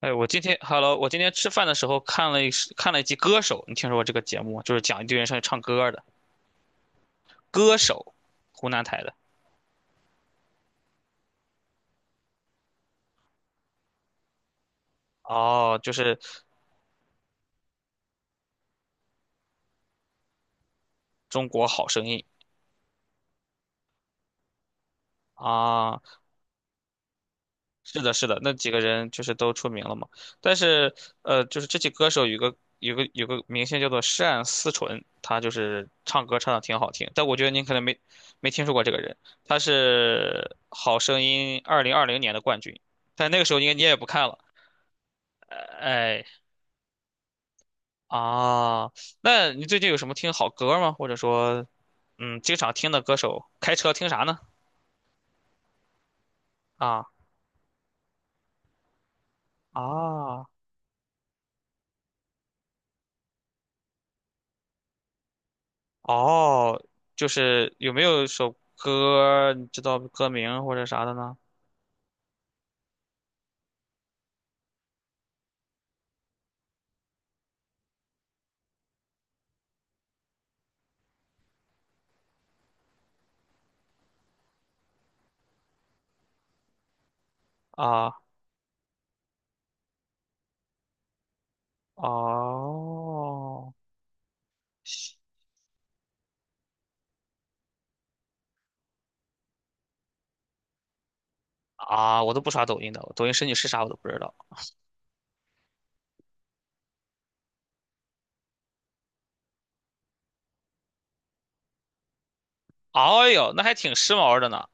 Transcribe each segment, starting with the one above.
哎，我今天，Hello，我今天吃饭的时候看了一集《歌手》，你听说过这个节目吗？就是讲一堆人上去唱歌的，《歌手》，湖南台的。哦，就是中国好声音啊，是的，是的，那几个人就是都出名了嘛。但是，就是这期歌手有个明星叫做单思纯，他就是唱歌唱的挺好听，但我觉得您可能没听说过这个人，他是《好声音》2020年的冠军，但那个时候应该你也不看了，哎。啊，那你最近有什么听好歌吗？或者说，嗯，经常听的歌手，开车听啥呢？啊啊哦，就是有没有首歌你知道歌名或者啥的呢？啊哦啊，我都不刷抖音的，抖音神请是啥我都不知道。哎呦，那还挺时髦的呢。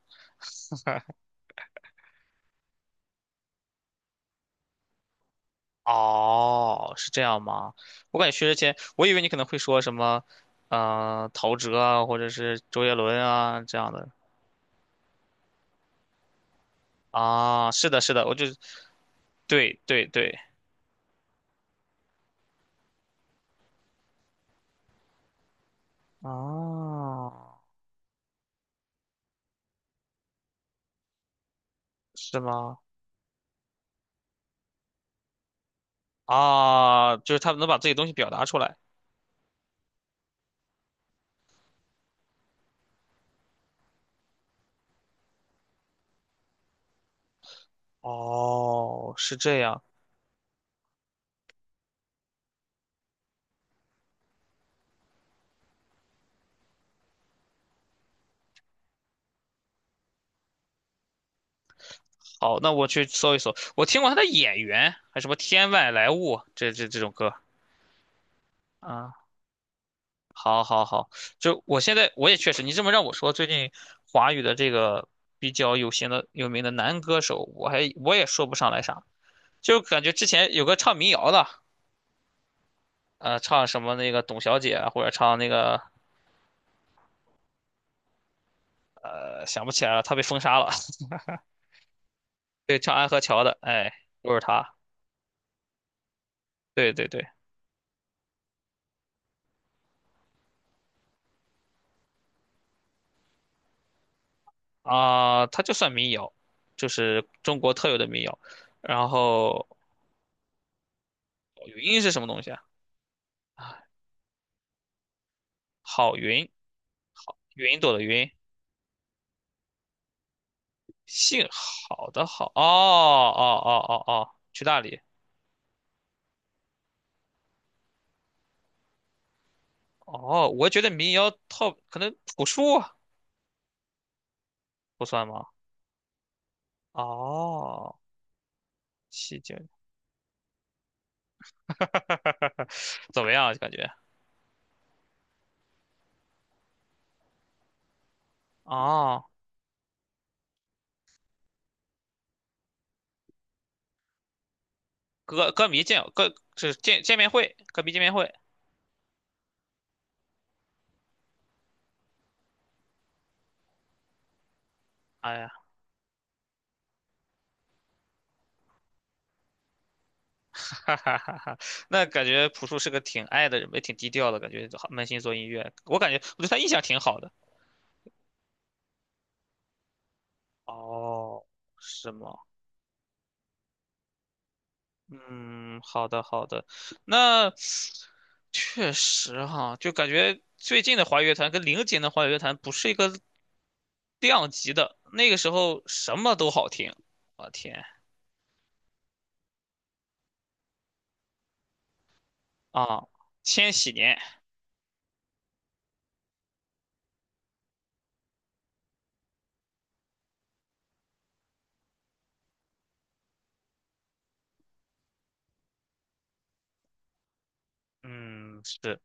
哦，是这样吗？我感觉薛之谦，我以为你可能会说什么，嗯、陶喆啊，或者是周杰伦啊这样的。啊，是的，是的，我就，对对对，啊，是吗？啊，就是他们能把自己东西表达出来。哦，是这样。好，那我去搜一搜。我听过他的演员，还有什么《天外来物》这种歌啊。好，好，好。就我现在我也确实，你这么让我说，最近华语的这个比较有型的、有名的男歌手，我也说不上来啥。就感觉之前有个唱民谣的，唱什么那个董小姐啊或者唱那个想不起来了，他被封杀了。对，唱《安河桥》的，哎，就是他。对对对，啊、他就算民谣，就是中国特有的民谣。然后云是什么东西啊？好云，好，云朵的云，姓好的好。哦哦哦哦哦，去大理。哦，我觉得民谣套可能朴树啊不算吗？哦，七九，怎么样啊？感觉哦，歌歌迷见歌就是见见面会，歌迷见面会。哎呀，哈哈哈哈！那感觉朴树是个挺爱的人，也挺低调的，感觉好扪心做音乐。我感觉我对他印象挺好的。哦，是吗？嗯，好的好的。那确实哈，就感觉最近的华语乐坛跟零几年的华语乐坛不是一个量级的。那个时候什么都好听，我天啊！千禧年，嗯，是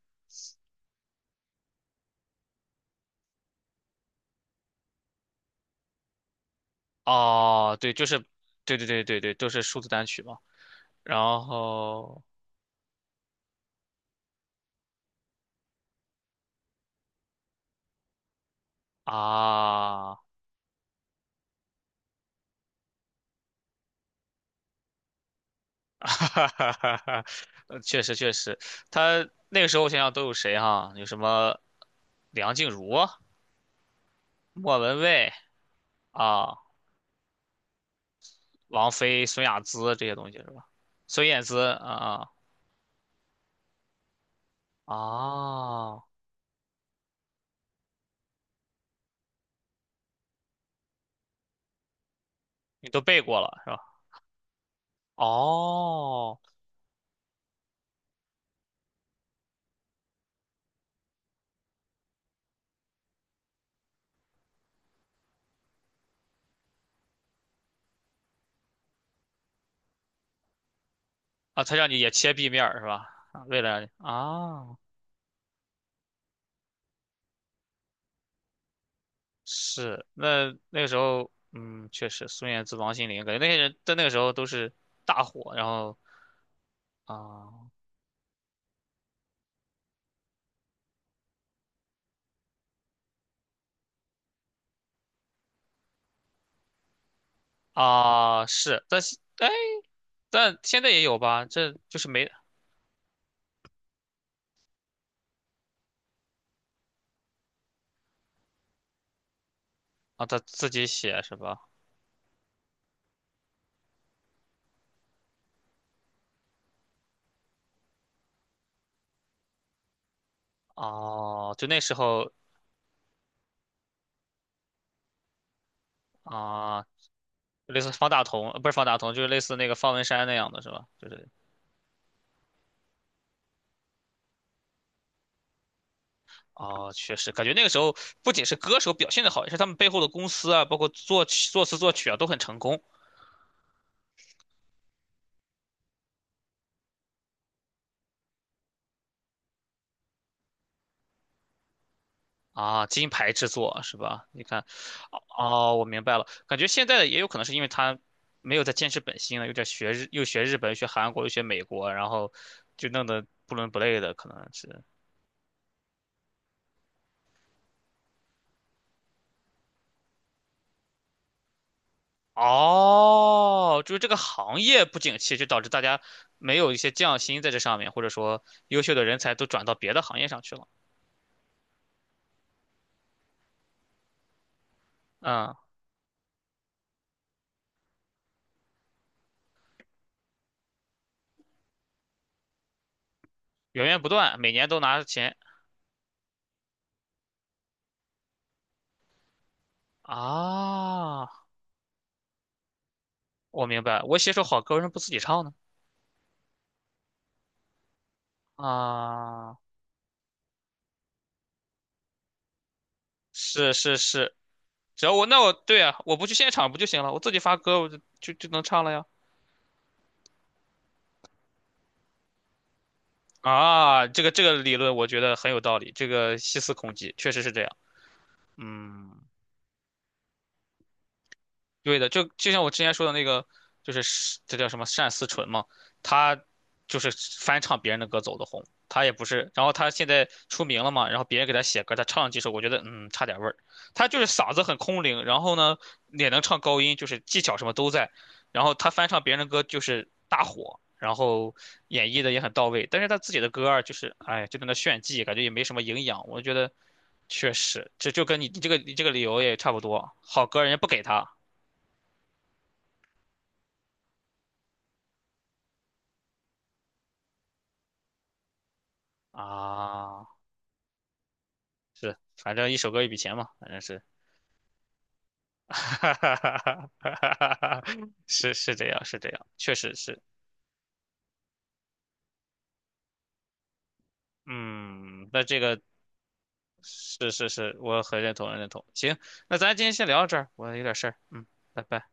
哦，对，就是，对对对对对，都是数字单曲嘛。然后啊，哈哈哈哈，确实确实，他那个时候想想都有谁哈、有什么梁静茹啊、莫文蔚啊、王菲、孙雅姿这些东西是吧？孙燕姿啊啊啊，哦你都背过了是吧？哦，啊，他让你也切 B 面儿是吧？啊为了让你啊，是那那个时候，嗯，确实孙燕姿、王心凌，感觉那些人在那个时候都是大火，然后啊。啊，是，但是哎，但现在也有吧？这就是没啊，他自己写是吧？哦，就那时候啊，类似方大同，不是方大同，就是类似那个方文山那样的是吧？就是哦，确实感觉那个时候不仅是歌手表现的好，也是他们背后的公司啊，包括作曲、作词、作曲啊，都很成功。啊，金牌制作是吧？你看，哦，我明白了。感觉现在的也有可能是因为他没有在坚持本心了，有点学日，又学日本，又学韩国，又学美国，然后就弄得不伦不类的，可能是。哦，就是这个行业不景气，就导致大家没有一些匠心在这上面，或者说优秀的人才都转到别的行业上去了。嗯，源源不断，每年都拿钱啊。我明白，我写首好歌，为什么不自己唱呢？啊，是是是，只要我那我对啊，我不去现场不就行了？我自己发歌我就能唱了呀。啊，这个理论我觉得很有道理，这个细思恐极，确实是这样。嗯。对的，就像我之前说的那个，就是是这叫什么单思纯嘛，他就是翻唱别人的歌走的红，他也不是，然后他现在出名了嘛，然后别人给他写歌，他唱了几首，我觉得嗯差点味儿，他就是嗓子很空灵，然后呢也能唱高音，就是技巧什么都在，然后他翻唱别人的歌就是大火，然后演绎的也很到位，但是他自己的歌儿就是哎就在那炫技，感觉也没什么营养，我觉得确实这就跟你这个理由也差不多，好歌人家不给他。啊，是，反正一首歌一笔钱嘛，反正是，哈哈哈哈哈，是是这样，是这样，确实是，嗯，那这个是是是，我很认同，很认同。行，那咱今天先聊到这儿，我有点事儿，嗯，拜拜。